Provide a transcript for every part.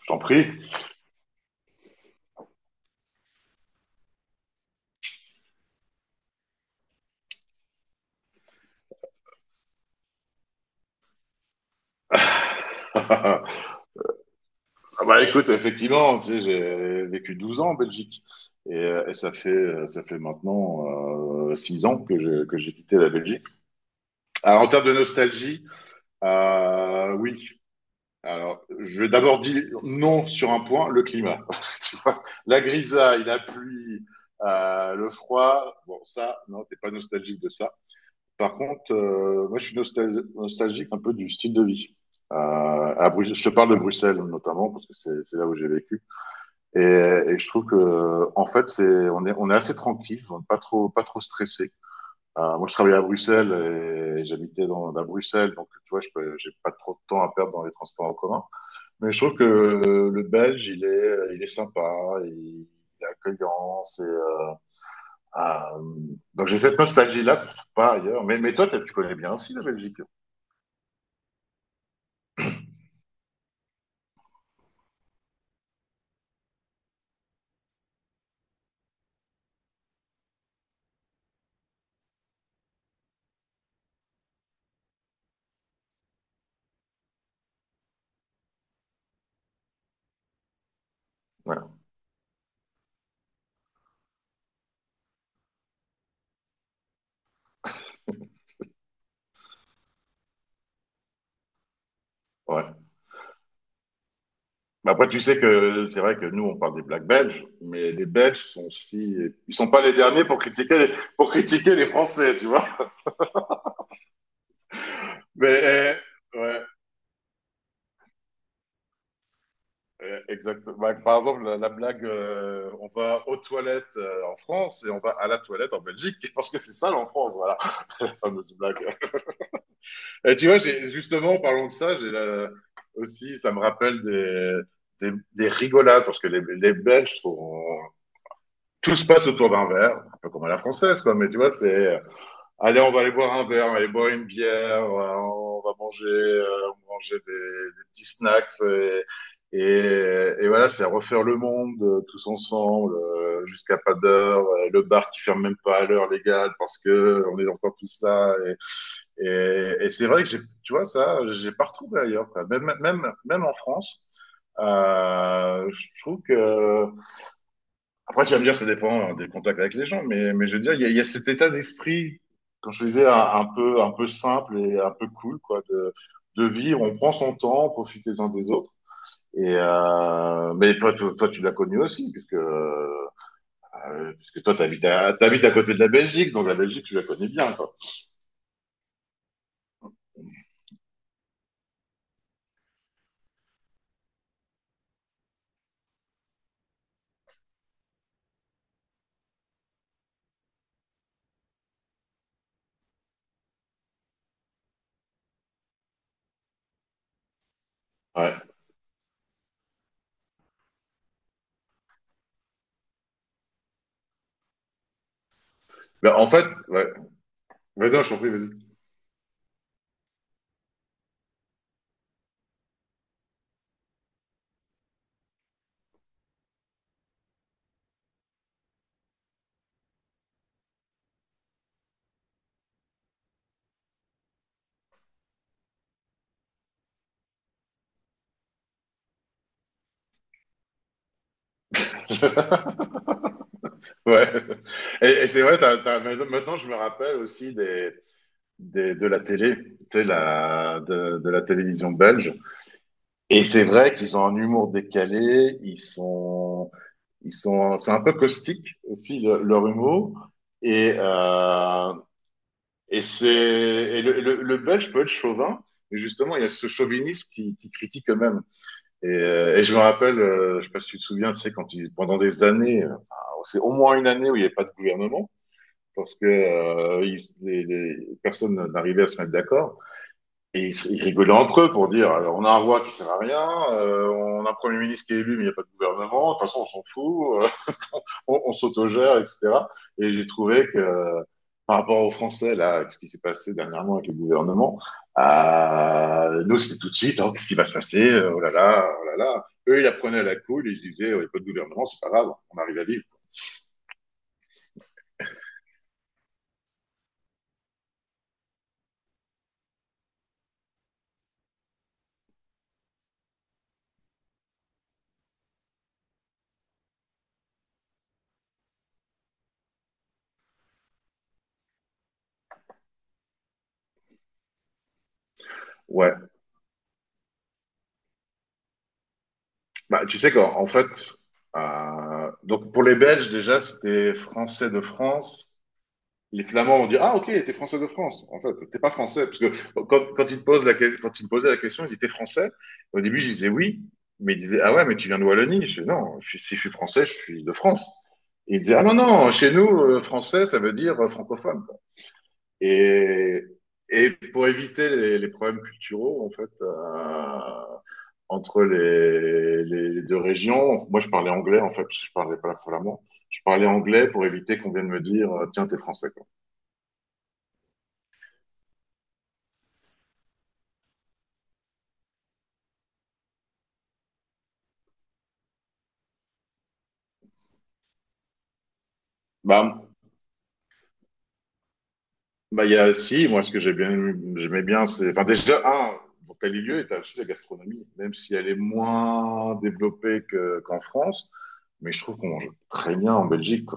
Je t'en prie. Ah bah écoute, effectivement, tu sais, j'ai vécu 12 ans en Belgique. Et ça fait maintenant 6 ans que j'ai quitté la Belgique. Alors, en termes de nostalgie, oui. Alors, je vais d'abord dire non sur un point, le climat. Tu vois, la grisaille, la pluie, le froid. Bon, ça, non, t'es pas nostalgique de ça. Par contre, moi, je suis nostalgique un peu du style de vie. À Bruxelles, je te parle de Bruxelles notamment parce que c'est là où j'ai vécu. Et je trouve que, en fait, c'est on est assez tranquille, on est pas trop stressé. Moi, je travaillais à Bruxelles et j'habitais dans à Bruxelles, donc tu vois, j'ai pas trop de temps à perdre dans les transports en commun. Mais je trouve que le Belge, il est sympa, il est accueillant, c'est euh, donc j'ai cette nostalgie-là que je ne trouve pas ailleurs. Mais toi, tu connais bien aussi la Belgique. Ouais. Ouais. Mais après, tu sais que c'est vrai que nous, on parle des Blacks belges, mais les Belges sont aussi. Ils sont pas les derniers pour critiquer les Français, tu vois. Mais euh, ouais, exactement. Bah, par exemple, la blague, on va aux toilettes en France et on va à la toilette en Belgique, parce que c'est sale en France, voilà. La fameuse blague. Et tu vois, justement, en parlant de ça, aussi, ça me rappelle des rigolades, parce que les Belges sont... Tout se passe autour d'un verre, un peu comme à la française, quoi, mais tu vois, allez, on va aller boire un verre, on va aller boire une bière, on va manger des petits snacks, et, et voilà, c'est refaire le monde tous ensemble, jusqu'à pas d'heure, le bar qui ferme même pas à l'heure légale, parce que on est encore tous là, et c'est vrai que j'ai, tu vois, ça, j'ai pas retrouvé ailleurs, quoi. Même en France, je trouve que. Après, tu vas me dire, ça dépend hein, des contacts avec les gens, mais je veux dire, il y a cet état d'esprit, quand je disais, un peu simple et un peu cool, quoi, de vivre. On prend son temps, on profite les uns des autres. Mais toi, toi, tu l'as connu aussi, puisque toi, t'habites à côté de la Belgique, donc la Belgique, tu la connais bien, quoi. Ouais. Ben, en fait, ouais. Vas-y, non, je t'en prie, vas-y. Ouais. Et c'est vrai, mais maintenant je me rappelle aussi de la télé, tu sais, de la télévision belge. Et c'est vrai qu'ils ont un humour décalé, c'est un peu caustique aussi leur humour. Et, euh, et c'est, et le belge peut être chauvin, mais justement il y a ce chauvinisme qui critique eux-mêmes. Et je me rappelle, je sais pas si tu te souviens, tu sais, pendant des années, enfin, c'est au moins une année où il n'y avait pas de gouvernement parce que personne n'arrivait à se mettre d'accord. Et ils rigolaient entre eux pour dire alors, on a un roi qui sert à rien, on a un premier ministre qui est élu, mais il n'y a pas de gouvernement, de toute façon, on s'en fout, on s'autogère, etc. Et j'ai trouvé que par rapport aux Français, là, ce qui s'est passé dernièrement avec le gouvernement, nous, c'était tout de suite oh, qu'est-ce qui va se passer oh là là, oh là là. Eux, ils apprenaient à la couille, ils se disaient oh, il n'y a pas de gouvernement, c'est pas grave, on arrive à vivre. Ouais. Bah, tu sais qu'en en fait, donc pour les Belges, déjà, c'était Français de France. Les Flamands ont dit, ah, ok, t'es Français de France. En fait, t'es pas Français. Parce que quand ils te posent quand ils me posaient la question, ils disaient, t'es Français? Au début, je disais oui. Mais ils disaient, ah ouais, mais tu viens de Wallonie. Je dis, non, si je suis Français, je suis de France. Et ils disaient, ah non, non, chez nous, Français, ça veut dire francophone. Et, et pour éviter les problèmes culturels, en fait, entre les deux régions, moi je parlais anglais, en fait, je parlais pas flamand. Je parlais anglais pour éviter qu'on vienne me dire, tiens, t'es français, quoi. Bah, bah, il y a, si, moi, ce que j'aimais bien, c'est, enfin, déjà, un, dans tel lieu, et t'as aussi la gastronomie, même si elle est moins développée qu'en France, mais je trouve qu'on mange très bien en Belgique.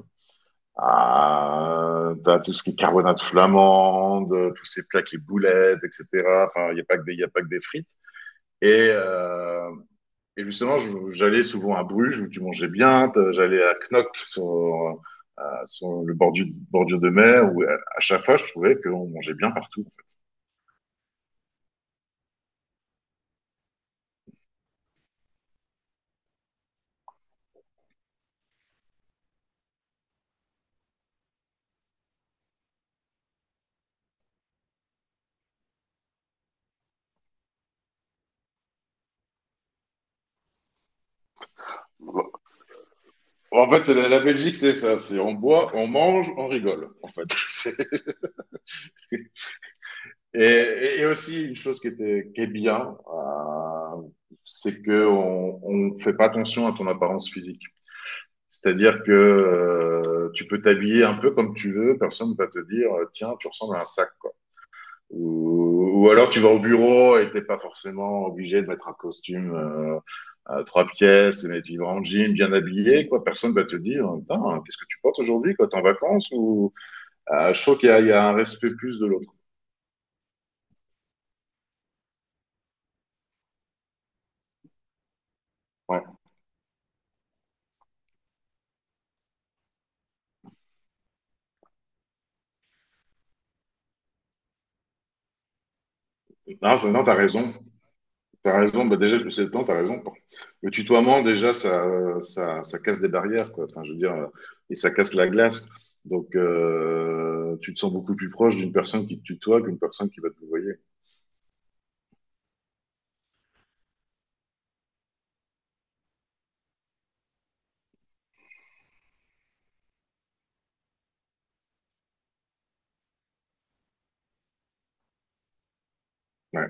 Ah, t'as tout ce qui est carbonate flamande, tous ces plats qui boulettes, etc. Enfin, il y a pas que des frites. Et, euh, et justement, j'allais souvent à Bruges où tu mangeais bien. J'allais à Knock sur, sur le bordure, bordure de mer où à chaque fois, je trouvais qu'on mangeait bien partout. En fait, en fait c'est la Belgique, c'est ça. C'est on boit, on mange, on rigole. En fait, c'est... Et aussi, une chose qui est bien, c'est que on fait pas attention à ton apparence physique. C'est-à-dire que tu peux t'habiller un peu comme tu veux, personne ne va te dire, tiens, tu ressembles à un sac, quoi. Ou alors tu vas au bureau et t'es pas forcément obligé de mettre un costume à trois pièces, et tu vas en jean, bien habillé, quoi. Personne va te dire, putain, qu'est-ce que tu portes aujourd'hui, quoi? T'es en vacances ou... Je trouve qu'il y a un respect plus de l'autre. Ouais. Non, non, t'as raison. T'as raison, bah déjà, depuis 7 ans, t'as raison. Le tutoiement, déjà, ça casse des barrières, quoi. Enfin, je veux dire, et ça casse la glace. Donc, tu te sens beaucoup plus proche d'une personne qui te tutoie qu'une personne qui va te vouvoyer. Ouais.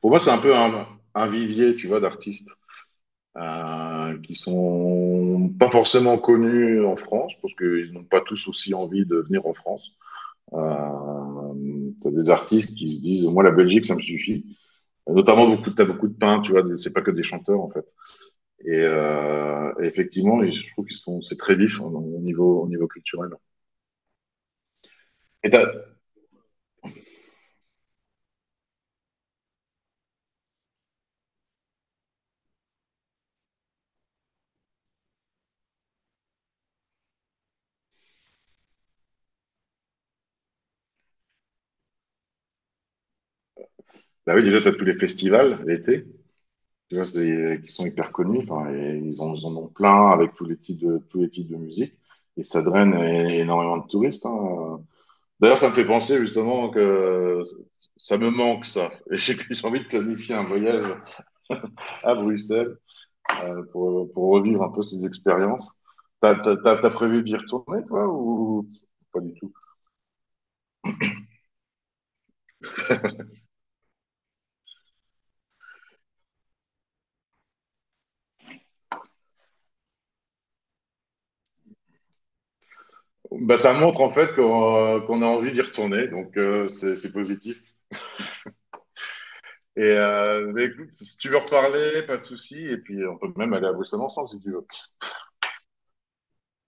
Pour moi, c'est un peu un vivier, tu vois, d'artistes qui sont pas forcément connus en France, parce qu'ils n'ont pas tous aussi envie de venir en France. T'as des artistes qui se disent, moi, la Belgique, ça me suffit. Notamment, beaucoup, t'as beaucoup de peintres, tu vois, c'est pas que des chanteurs, en fait. Et effectivement, je trouve c'est très vif hein, au niveau culturel. Et bah oui, déjà, tu as tous les festivals l'été, tu vois, qui sont hyper connus. Enfin, ils en ont plein avec tous les types de musique. Et ça draine énormément de touristes. Hein. D'ailleurs, ça me fait penser justement que ça me manque ça. Et j'ai j'ai envie de planifier un voyage à Bruxelles pour, revivre un peu ces expériences. T'as prévu d'y retourner, toi, ou pas du tout? Bah, ça montre en fait qu'on a envie d'y retourner, donc c'est positif. Bah, écoute, si tu veux reparler, pas de souci, et puis on peut même aller à Bruxelles ensemble si tu veux.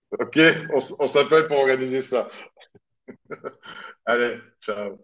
Ok, on s'appelle pour organiser ça. Allez, ciao.